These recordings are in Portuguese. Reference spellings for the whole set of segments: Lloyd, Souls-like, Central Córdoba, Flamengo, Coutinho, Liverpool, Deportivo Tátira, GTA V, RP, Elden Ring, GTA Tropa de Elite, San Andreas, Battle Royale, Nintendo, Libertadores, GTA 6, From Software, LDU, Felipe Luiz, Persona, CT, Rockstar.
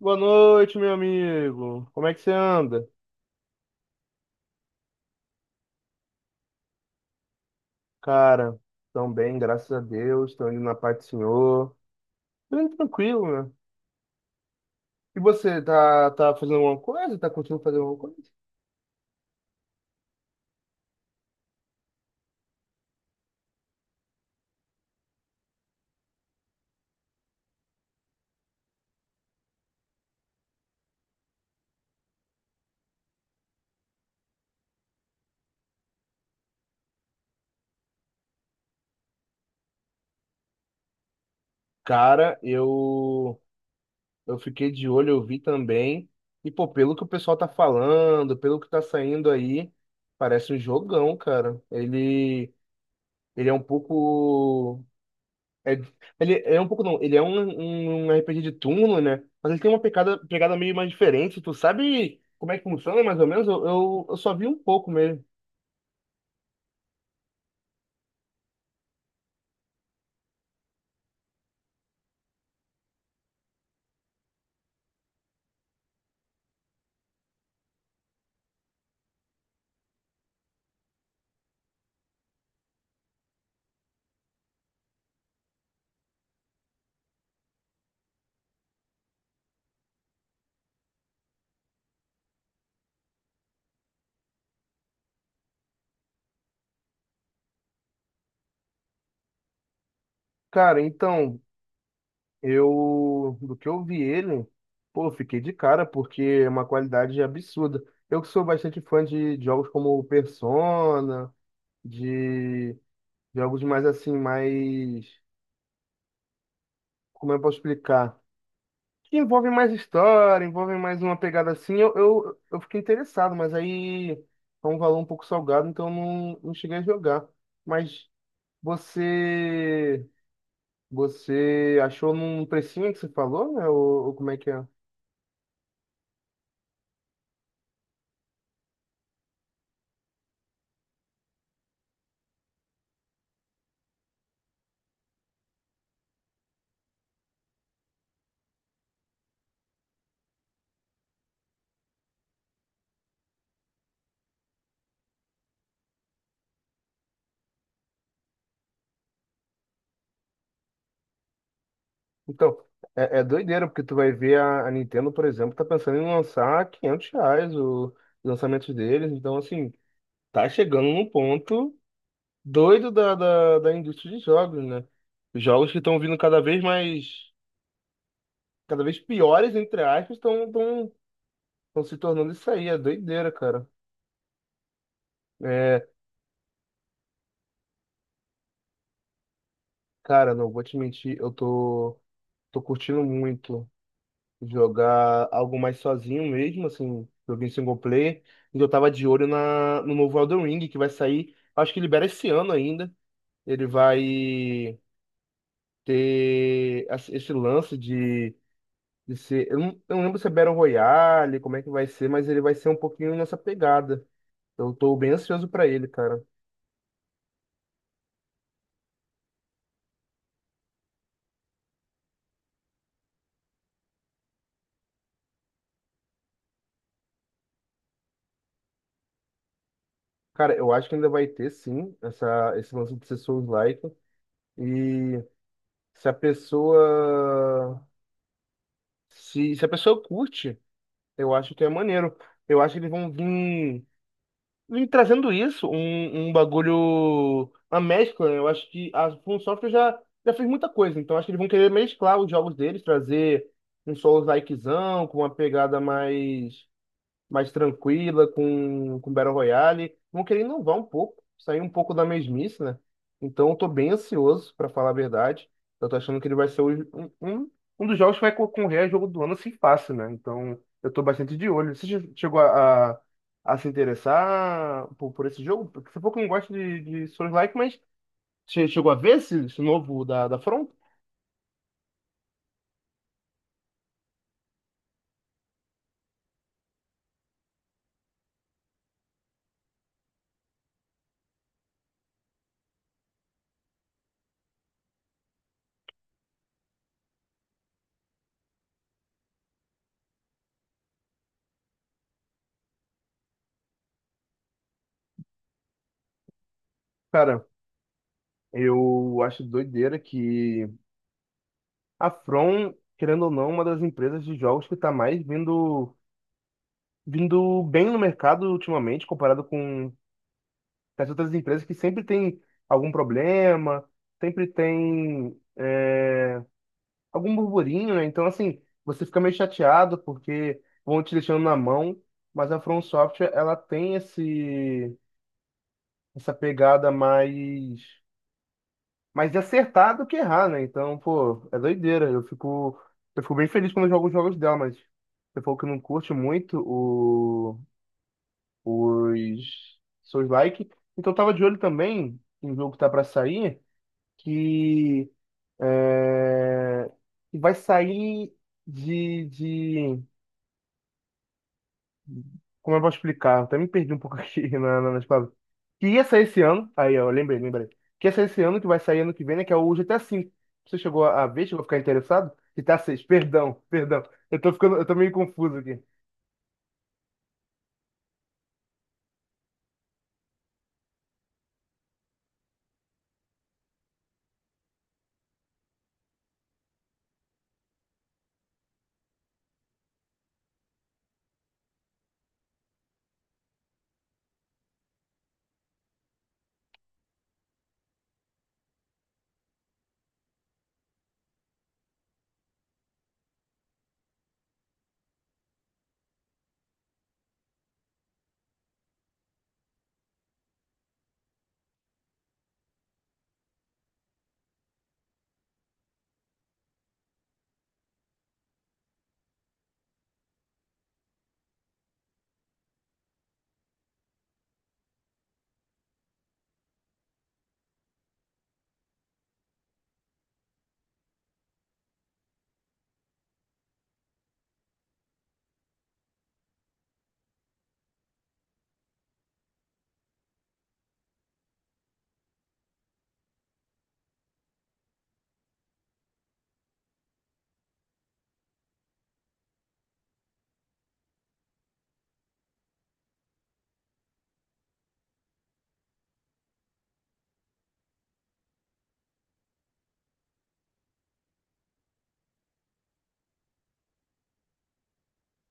Boa noite, meu amigo. Como é que você anda? Cara, tão bem, graças a Deus. Tô indo na paz do Senhor. Tô indo tranquilo, né? E você, tá fazendo alguma coisa? Tá conseguindo fazer alguma coisa? Cara, eu fiquei de olho, eu vi também. E, pô, pelo que o pessoal tá falando, pelo que tá saindo aí, parece um jogão, cara. Ele é um pouco. É, ele é um pouco não, ele é um RPG de turno, né? Mas ele tem uma pegada, pegada meio mais diferente. Tu sabe como é que funciona, mais ou menos? Eu só vi um pouco mesmo. Cara, então, eu, do que eu vi ele, pô, eu fiquei de cara, porque é uma qualidade absurda. Eu que sou bastante fã de jogos como Persona, de jogos mais assim, mais, como eu posso explicar? Que envolve mais história, envolve mais uma pegada assim, eu fiquei interessado, mas aí é um valor um pouco salgado, então eu não cheguei a jogar. Mas você você achou num precinho que você falou, né? Ou como é que é? Então, é doideira, porque tu vai ver a Nintendo, por exemplo, tá pensando em lançar 500 reais o lançamento deles, então assim, tá chegando num ponto doido da indústria de jogos, né? Jogos que estão vindo cada vez mais cada vez piores, entre aspas, estão se tornando isso aí. É doideira, cara. É, cara, não vou te mentir, eu tô curtindo muito jogar algo mais sozinho mesmo, assim, joguei em single player. E eu tava de olho no novo Elden Ring, que vai sair, acho que libera esse ano ainda. Ele vai ter esse lance de ser. Eu não lembro se é Battle Royale, como é que vai ser, mas ele vai ser um pouquinho nessa pegada. Eu tô bem ansioso pra ele, cara. Cara, eu acho que ainda vai ter sim esse lance de ser Souls-like. E se a pessoa. Se a pessoa curte, eu acho que é maneiro. Eu acho que eles vão vir trazendo isso, um, bagulho. Uma mescla, né? Eu acho que a From Software já fez muita coisa. Então acho que eles vão querer mesclar os jogos deles, trazer um Souls-likezão, com uma pegada mais tranquila, com Battle Royale. Vão querer inovar um pouco, sair um pouco da mesmice, né? Então eu tô bem ansioso, pra falar a verdade. Eu tô achando que ele vai ser um dos jogos que vai concorrer a jogo do ano assim fácil, né? Então eu tô bastante de olho. Você chegou a se interessar por esse jogo? Porque você pouco não gosta de Souls-like, mas você chegou a ver esse novo da Front? Cara, eu acho doideira que. A From, querendo ou não, é uma das empresas de jogos que está mais vindo bem no mercado ultimamente, comparado com as outras empresas que sempre tem algum problema, sempre tem algum burburinho, né? Então, assim, você fica meio chateado porque vão te deixando na mão, mas a From Software, ela tem essa pegada mais de acertar do que errar, né? Então, pô, é doideira. Eu fico bem feliz quando eu jogo os jogos dela, mas você falou que não curte muito os seus likes. Então, eu tava de olho também em um jogo que tá pra sair, que, é, que vai sair de Como eu posso explicar? Eu até me perdi um pouco aqui nas palavras. Que ia sair esse ano. Aí, ó, lembrei, lembrei. Que ia sair esse ano, que vai sair ano que vem, né? Que é o GTA V. Você chegou a ver? Chegou a ficar interessado? GTA 6. Perdão, perdão. Eu tô ficando, eu tô meio confuso aqui.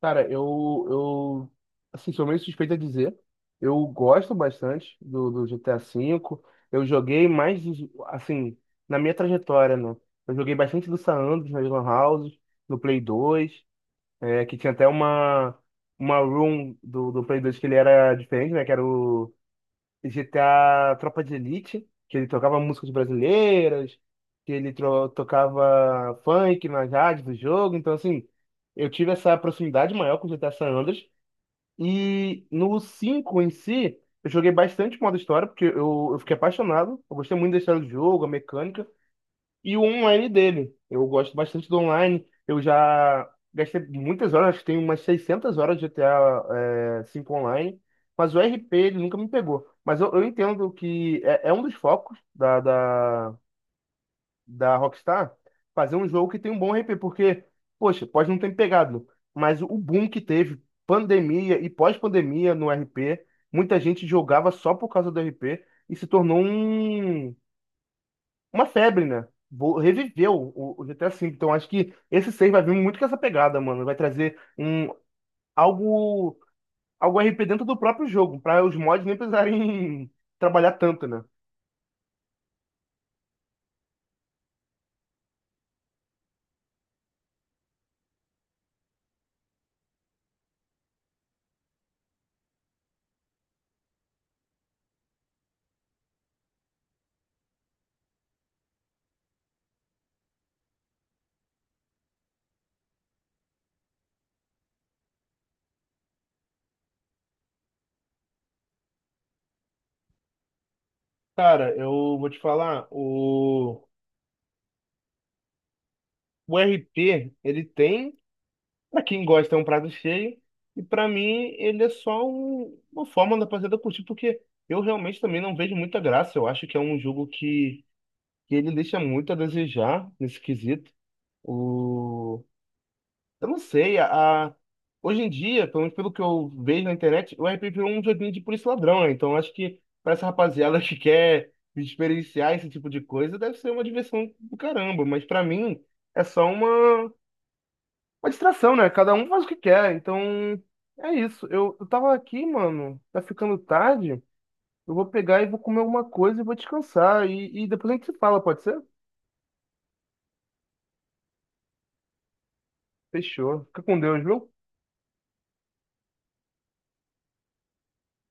Cara, eu, assim, sou meio suspeito a dizer. Eu gosto bastante do GTA V. Eu joguei mais, assim, na minha trajetória, né? Eu joguei bastante do San Andreas nas Lan Houses, no Play 2. É, que tinha até uma room do Play 2 que ele era diferente, né? Que era o GTA Tropa de Elite, que ele tocava músicas brasileiras, que ele tocava funk nas rádios do jogo. Então, assim, eu tive essa proximidade maior com o GTA San Andreas. E no 5 em si, eu joguei bastante modo história, porque eu fiquei apaixonado. Eu gostei muito da história do jogo, a mecânica e o online dele. Eu gosto bastante do online. Eu já gastei muitas horas, acho que tem umas 600 horas de GTA 5 online, mas o RP ele nunca me pegou. Mas eu entendo que é um dos focos da, da Rockstar fazer um jogo que tem um bom RP, porque, poxa, pode não ter me pegado, mas o boom que teve, pandemia e pós-pandemia no RP, muita gente jogava só por causa do RP e se tornou uma febre, né? Reviveu o GTA V. Então acho que esse 6 vai vir muito com essa pegada, mano. Vai trazer um algo, algo RP dentro do próprio jogo, para os mods nem precisarem trabalhar tanto, né? Cara, eu vou te falar, o RP, ele tem, pra quem gosta, é um prato cheio, e pra mim ele é só uma forma da rapaziada curtir, porque eu realmente também não vejo muita graça, eu acho que é um jogo que ele deixa muito a desejar nesse quesito. O, Eu não sei, hoje em dia, pelo menos pelo que eu vejo na internet, o RP virou um joguinho de polícia e ladrão, né? Então acho que pra essa rapaziada que quer experienciar esse tipo de coisa, deve ser uma diversão do caramba, mas pra mim é só uma distração, né? Cada um faz o que quer, então é isso. Eu tava aqui, mano, tá ficando tarde, eu vou pegar e vou comer alguma coisa e vou descansar, e depois a gente se fala, pode ser? Fechou. Fica com Deus, viu?